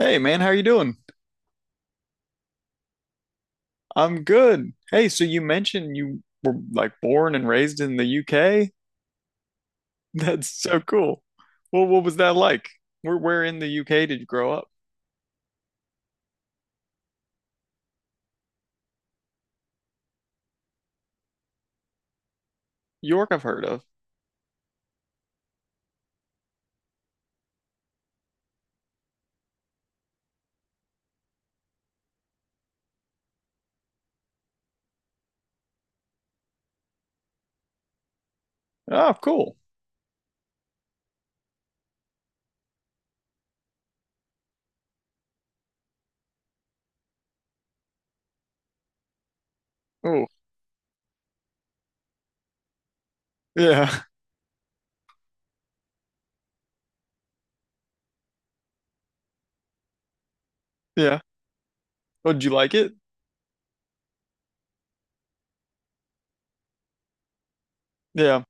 Hey man, how you doing? I'm good. Hey, so you mentioned you were like born and raised in the UK? That's so cool. Well, what was that like? Where in the UK did you grow up? York, I've heard of. Oh, cool. Oh, yeah, yeah. Oh, did you like it? Yeah,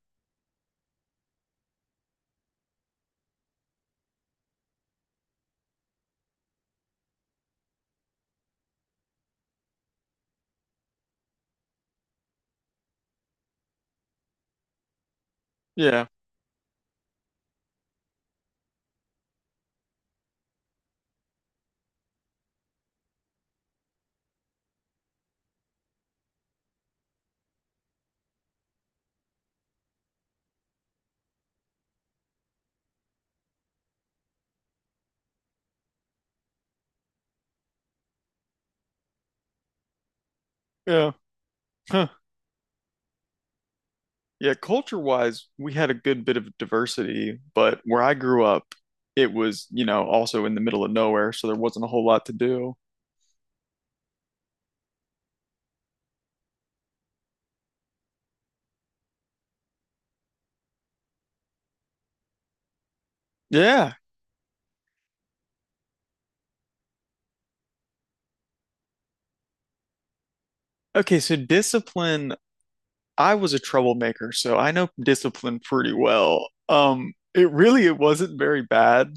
yeah, yeah. Huh. Yeah, culture-wise, we had a good bit of diversity, but where I grew up, it was, you know, also in the middle of nowhere, so there wasn't a whole lot to do. Yeah. Okay, so discipline I was a troublemaker, so I know discipline pretty well. It really it wasn't very bad,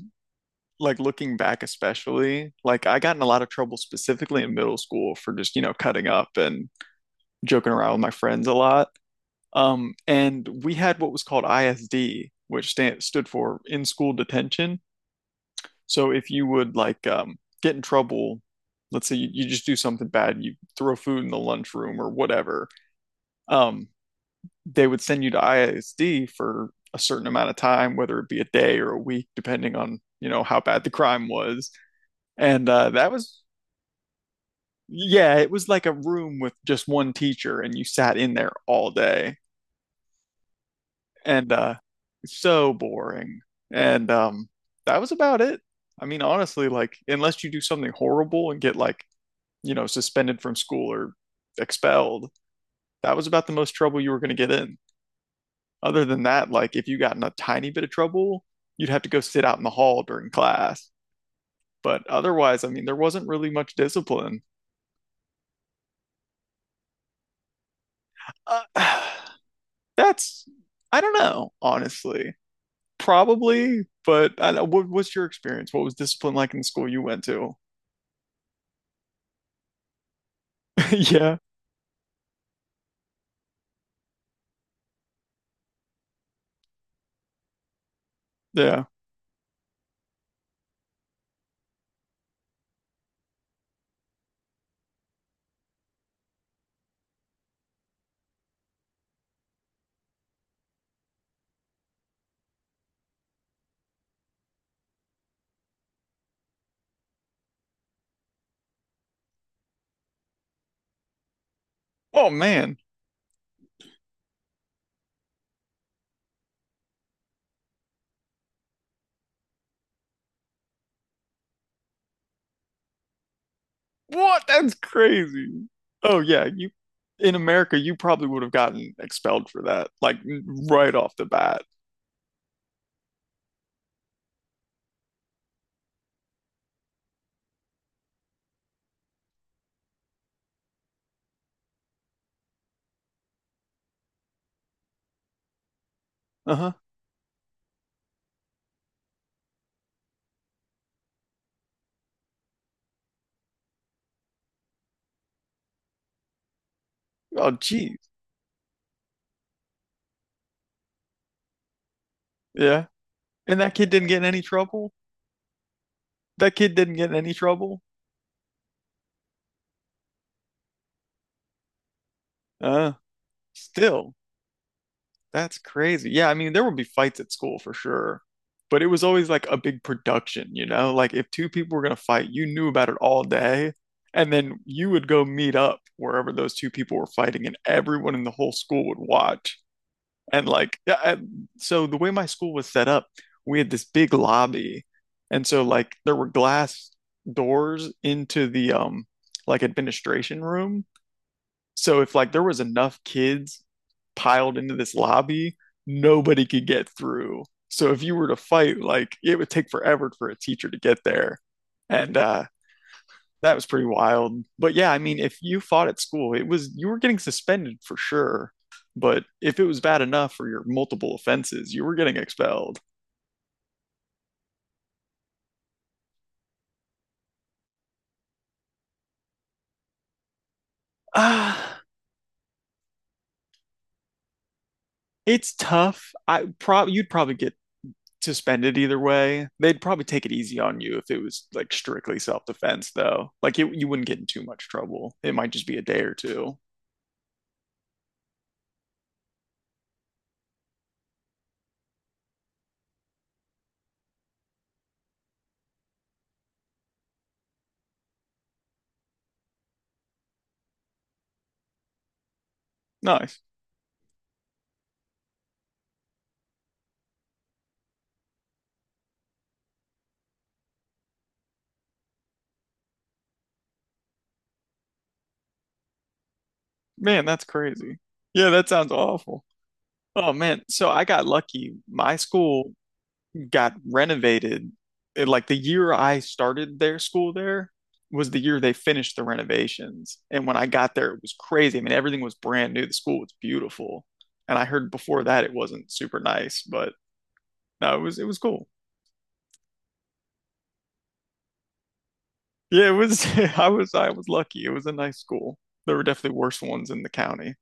like looking back especially. Like I got in a lot of trouble specifically in middle school for just, you know, cutting up and joking around with my friends a lot. And we had what was called ISD, which stood for in school detention. So if you would like get in trouble, let's say you just do something bad, you throw food in the lunchroom or whatever. Um, they would send you to ISD for a certain amount of time, whether it be a day or a week, depending on, you know, how bad the crime was. And yeah, it was like a room with just one teacher and you sat in there all day. And so boring. And that was about it. I mean, honestly, like, unless you do something horrible and get like, you know, suspended from school or expelled, that was about the most trouble you were going to get in. Other than that, like if you got in a tiny bit of trouble, you'd have to go sit out in the hall during class. But otherwise, I mean, there wasn't really much discipline. Uh, that's, I don't know, honestly. Probably, but what's your experience? What was discipline like in the school you went to? Yeah, yeah. Oh man, what? That's crazy. Oh yeah, you in America, you probably would have gotten expelled for that, like right off the bat. Uh-huh. Oh, geez. Yeah. And that kid didn't get in any trouble? That kid didn't get in any trouble? Uh, Still, that's crazy. Yeah, I mean, there would be fights at school for sure. But it was always like a big production, you know? Like if two people were gonna fight, you knew about it all day, and then you would go meet up wherever those two people were fighting, and everyone in the whole school would watch. And like, so the way my school was set up, we had this big lobby. And so like there were glass doors into the like administration room. So if like there was enough kids piled into this lobby, nobody could get through. So if you were to fight, like it would take forever for a teacher to get there. And that was pretty wild. But yeah, I mean, if you fought at school, it was you were getting suspended for sure. But if it was bad enough for your multiple offenses, you were getting expelled. Ah, it's tough. I prob You'd probably get suspended either way. They'd probably take it easy on you if it was like strictly self-defense though. You wouldn't get in too much trouble. It might just be a day or two. Nice. Man, that's crazy. Yeah, that sounds awful. Oh man, so I got lucky. My school got renovated. Like the year I started their school there was the year they finished the renovations. And when I got there, it was crazy. I mean, everything was brand new. The school was beautiful. And I heard before that it wasn't super nice, but no, it was cool. Yeah, it was I was lucky. It was a nice school. There were definitely worse ones in the county.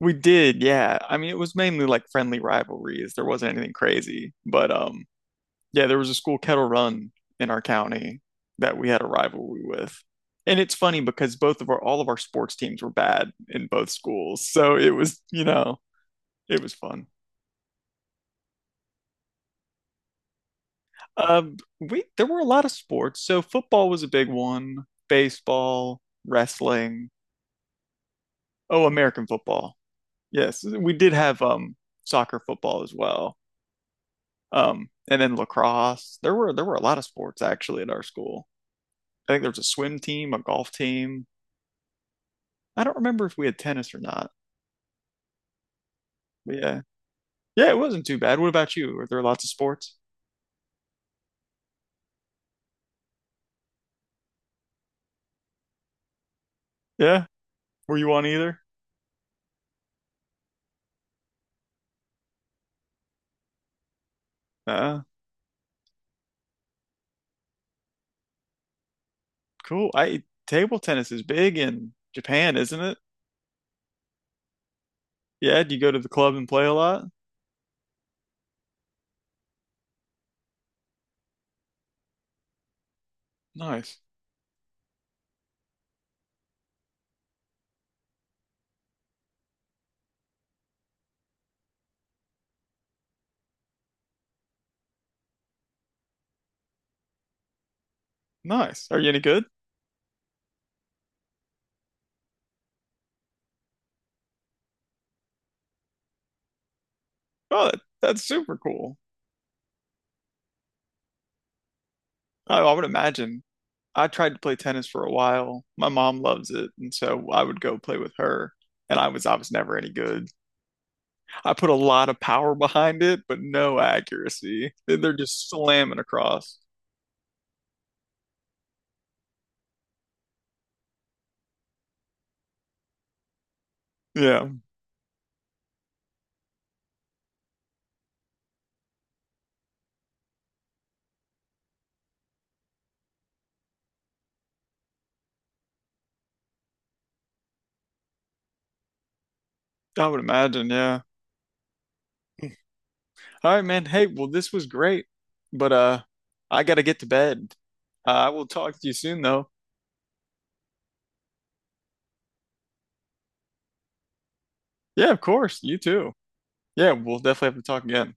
We did, yeah. I mean, it was mainly like friendly rivalries. There wasn't anything crazy, but yeah, there was a school kettle run in our county that we had a rivalry with. And it's funny because both of our all of our sports teams were bad in both schools. So it was, you know, it was fun. We there were a lot of sports. So football was a big one, baseball, wrestling. Oh, American football. Yes, we did have soccer football as well. And then lacrosse. There were a lot of sports actually at our school. I think there was a swim team, a golf team. I don't remember if we had tennis or not. But yeah. Yeah, it wasn't too bad. What about you? Were there lots of sports? Yeah. Were you on either? Uh, cool. I Table tennis is big in Japan, isn't it? Yeah, do you go to the club and play a lot? Nice. Nice. Are you any good? Oh, that's super cool. I would imagine. I tried to play tennis for a while. My mom loves it, and so I would go play with her. And I was never any good. I put a lot of power behind it, but no accuracy. They're just slamming across. Yeah, I would imagine. Yeah. All right, man. Hey, well, this was great, but I gotta get to bed. I will talk to you soon, though. Yeah, of course. You too. Yeah, we'll definitely have to talk again.